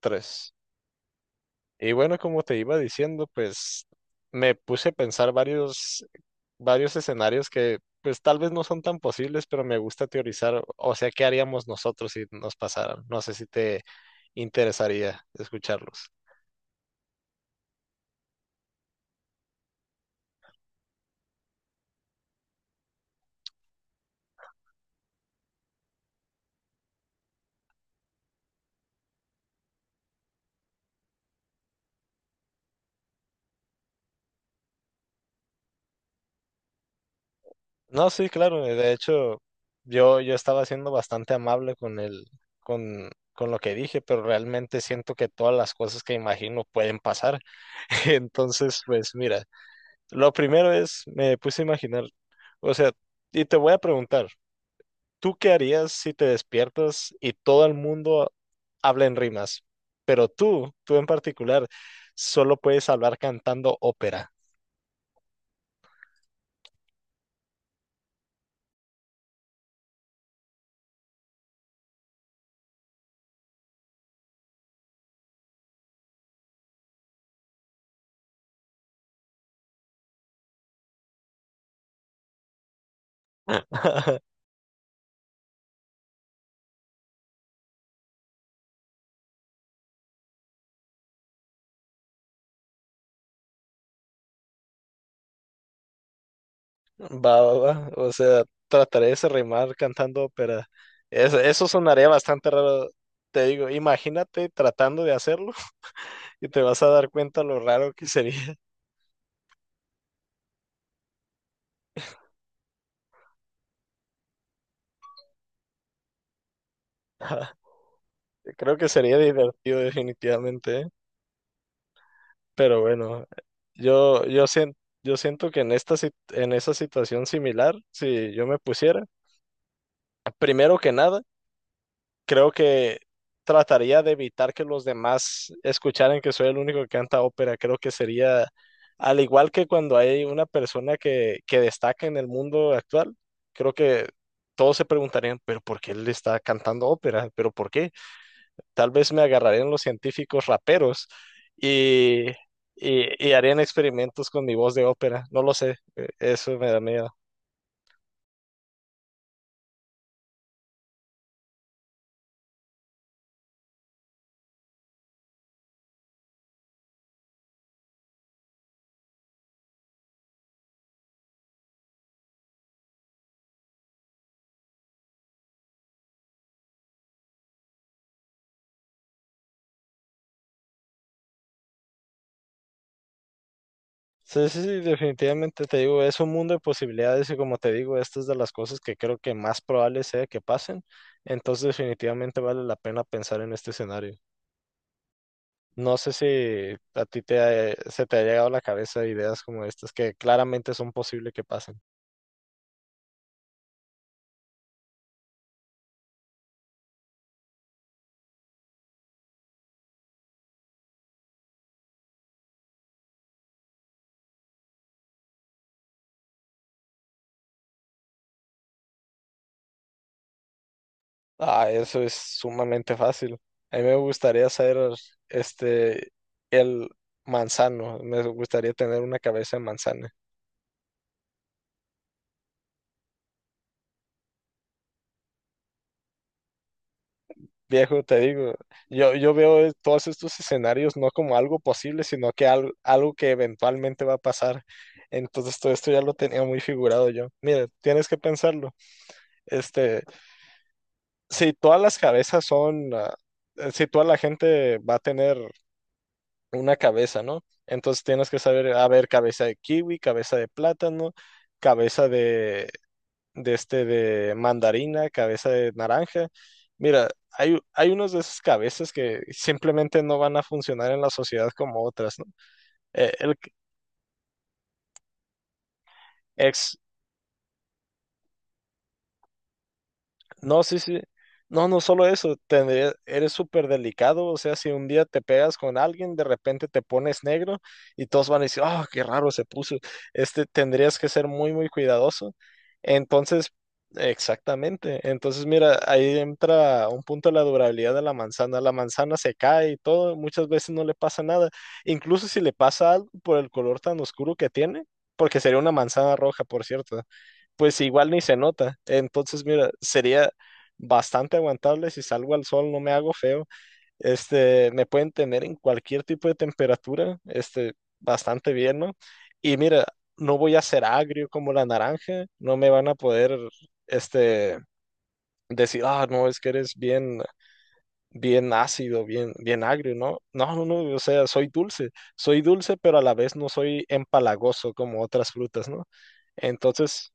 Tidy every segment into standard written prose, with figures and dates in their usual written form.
Tres. Y bueno, como te iba diciendo, pues me puse a pensar varios escenarios que pues tal vez no son tan posibles, pero me gusta teorizar, o sea, ¿qué haríamos nosotros si nos pasaran? No sé si te interesaría escucharlos. No, sí, claro, de hecho, yo estaba siendo bastante amable con con lo que dije, pero realmente siento que todas las cosas que imagino pueden pasar. Entonces, pues mira. Lo primero es, me puse a imaginar, o sea, y te voy a preguntar, ¿tú qué harías si te despiertas y todo el mundo habla en rimas? Pero tú en particular, solo puedes hablar cantando ópera. Va, va, va. O sea, trataré de se rimar cantando ópera. Eso sonaría bastante raro. Te digo, imagínate tratando de hacerlo y te vas a dar cuenta lo raro que sería. Creo que sería divertido definitivamente, ¿eh? Pero bueno, yo, yo, sien- yo siento que en en esa situación similar, si yo me pusiera, primero que nada, creo que trataría de evitar que los demás escucharan que soy el único que canta ópera. Creo que sería, al igual que cuando hay una persona que destaca en el mundo actual, creo que todos se preguntarían, pero ¿por qué él está cantando ópera? ¿Pero por qué? Tal vez me agarrarían los científicos raperos y, y harían experimentos con mi voz de ópera. No lo sé, eso me da miedo. Sí, sí, sí, definitivamente te digo, es un mundo de posibilidades y como te digo, esta es de las cosas que creo que más probable sea que pasen, entonces definitivamente vale la pena pensar en este escenario. No sé si a ti se te ha llegado a la cabeza ideas como estas que claramente son posibles que pasen. Ah, eso es sumamente fácil. A mí me gustaría ser este el manzano, me gustaría tener una cabeza de manzana. Viejo, te digo, yo todos estos escenarios no como algo posible, sino que algo que eventualmente va a pasar. Entonces todo esto ya lo tenía muy figurado yo. Mira, tienes que pensarlo. Este, si todas las cabezas son, si toda la gente va a tener una cabeza, ¿no? Entonces tienes que saber, a ver, cabeza de kiwi, cabeza de plátano, cabeza de mandarina, cabeza de naranja. Mira, hay unos de esas cabezas que simplemente no van a funcionar en la sociedad como otras, ¿no? Eh, el ex, No, sí, sí. No, no solo eso, eres súper delicado, o sea, si un día te pegas con alguien, de repente te pones negro y todos van a decir, oh, qué raro se puso. Tendrías que ser muy cuidadoso. Entonces, exactamente. Entonces, mira, ahí entra un punto de la durabilidad de la manzana. La manzana se cae y todo, muchas veces no le pasa nada. Incluso si le pasa algo por el color tan oscuro que tiene, porque sería una manzana roja, por cierto pues igual ni se nota. Entonces, mira, sería bastante aguantable si salgo al sol, no me hago feo. Me pueden tener en cualquier tipo de temperatura, bastante bien, ¿no? Y mira, no voy a ser agrio como la naranja, no me van a poder, este, decir, ah, no, es que eres bien, bien ácido, bien agrio, ¿no? No, no, no, o sea, soy dulce, pero a la vez no soy empalagoso como otras frutas, ¿no? Entonces,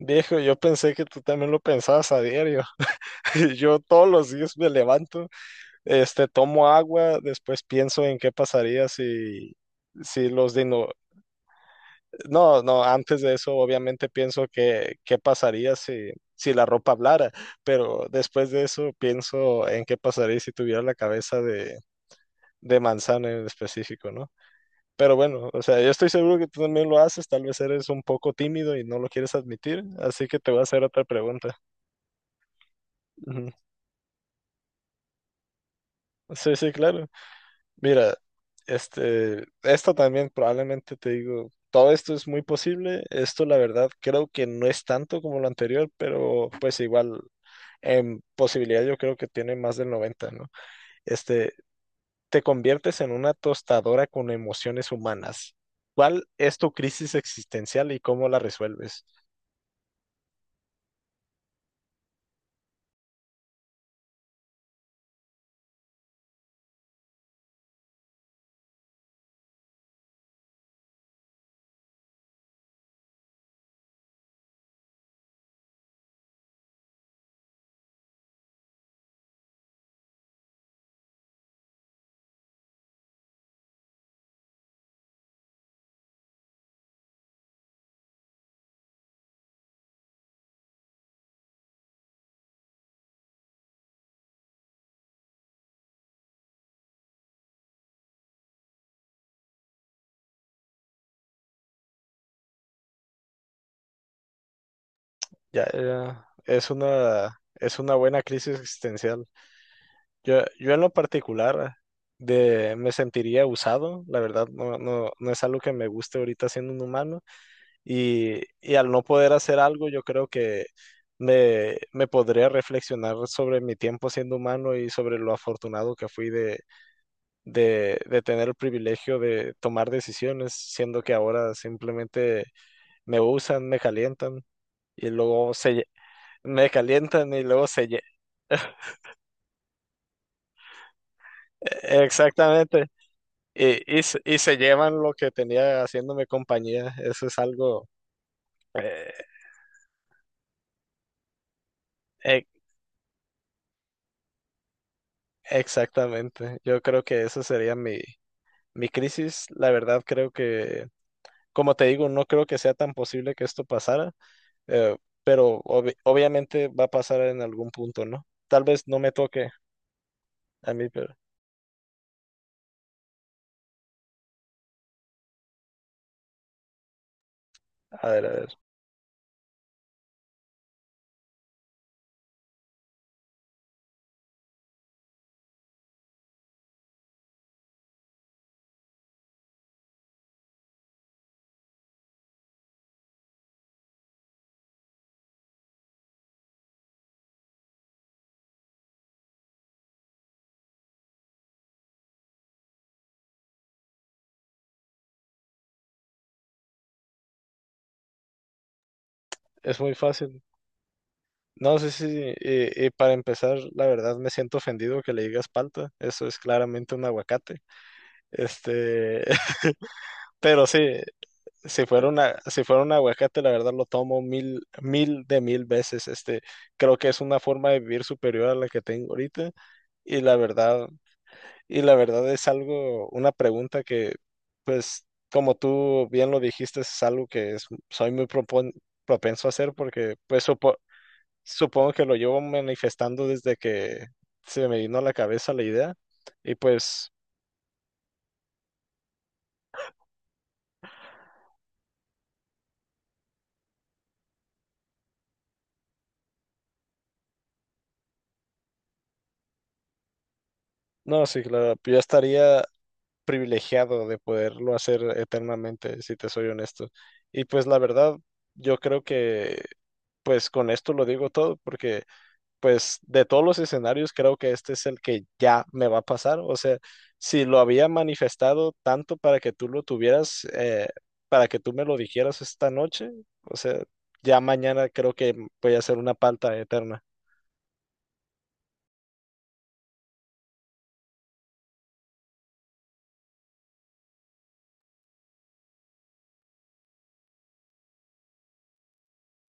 viejo, yo pensé que tú también lo pensabas a diario. Yo todos los días me levanto, tomo agua, después pienso en qué pasaría si los dino... No, no, antes de eso obviamente pienso que qué pasaría si la ropa hablara, pero después de eso pienso en qué pasaría si tuviera la cabeza de manzana en específico, ¿no? Pero bueno, o sea, yo estoy seguro que tú también lo haces, tal vez eres un poco tímido y no lo quieres admitir, así que te voy a hacer otra pregunta. Ujú. Sí, sí, claro. Mira, esto también probablemente te digo, todo esto es muy posible. Esto, la verdad, creo que no es tanto como lo anterior, pero pues igual en posibilidad yo creo que tiene más del 90, ¿no? Este, te conviertes en una tostadora con emociones humanas. ¿Cuál es tu crisis existencial y cómo la resuelves? Ya, ya, es es una buena crisis existencial. Yo en lo particular me sentiría usado, la verdad, no es algo que me guste ahorita siendo un humano y al no poder hacer algo, yo creo que me podría reflexionar sobre mi tiempo siendo humano y sobre lo afortunado que fui de tener el privilegio de tomar decisiones, siendo que ahora simplemente me usan, me calientan y me calientan y luego se... Exactamente. Y se llevan lo que tenía haciéndome compañía. Eso es algo... eh, e- exactamente. Yo creo que eso sería mi crisis. La verdad creo que, como te digo, no creo que sea tan posible que esto pasara, eh, pero obviamente va a pasar en algún punto, ¿no? Tal vez no me toque a mí, pero a ver, a ver. Es muy fácil. No sé si, y para empezar, la verdad me siento ofendido que le digas palta. Eso es claramente un aguacate. Este, pero sí. Si fuera una, si fuera un aguacate, la verdad lo tomo mil, mil de mil veces. Creo que es una forma de vivir superior a la que tengo ahorita. Y la verdad, y la verdad es algo, una pregunta que, pues, como tú bien lo dijiste, es algo soy muy propenso a hacer porque, pues, supongo que lo llevo manifestando desde que se me vino a la cabeza la idea. Y pues, no, sí, claro, yo estaría privilegiado de poderlo hacer eternamente, si te soy honesto. Y pues la verdad, yo creo que pues con esto lo digo todo, porque pues de todos los escenarios creo que este es el que ya me va a pasar. O sea, si lo había manifestado tanto para que tú lo tuvieras, para que tú me lo dijeras esta noche, o sea, ya mañana creo que voy a hacer una palta eterna.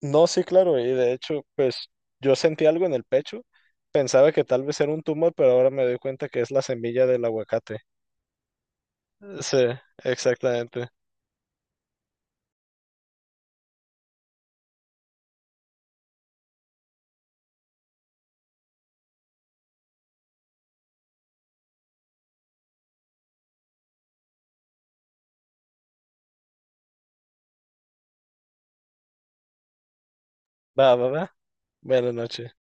No, sí, claro, y de hecho, pues yo sentí algo en el pecho, pensaba que tal vez era un tumor, pero ahora me doy cuenta que es la semilla del aguacate. Sí, exactamente. Va, va, va. Buenas noches.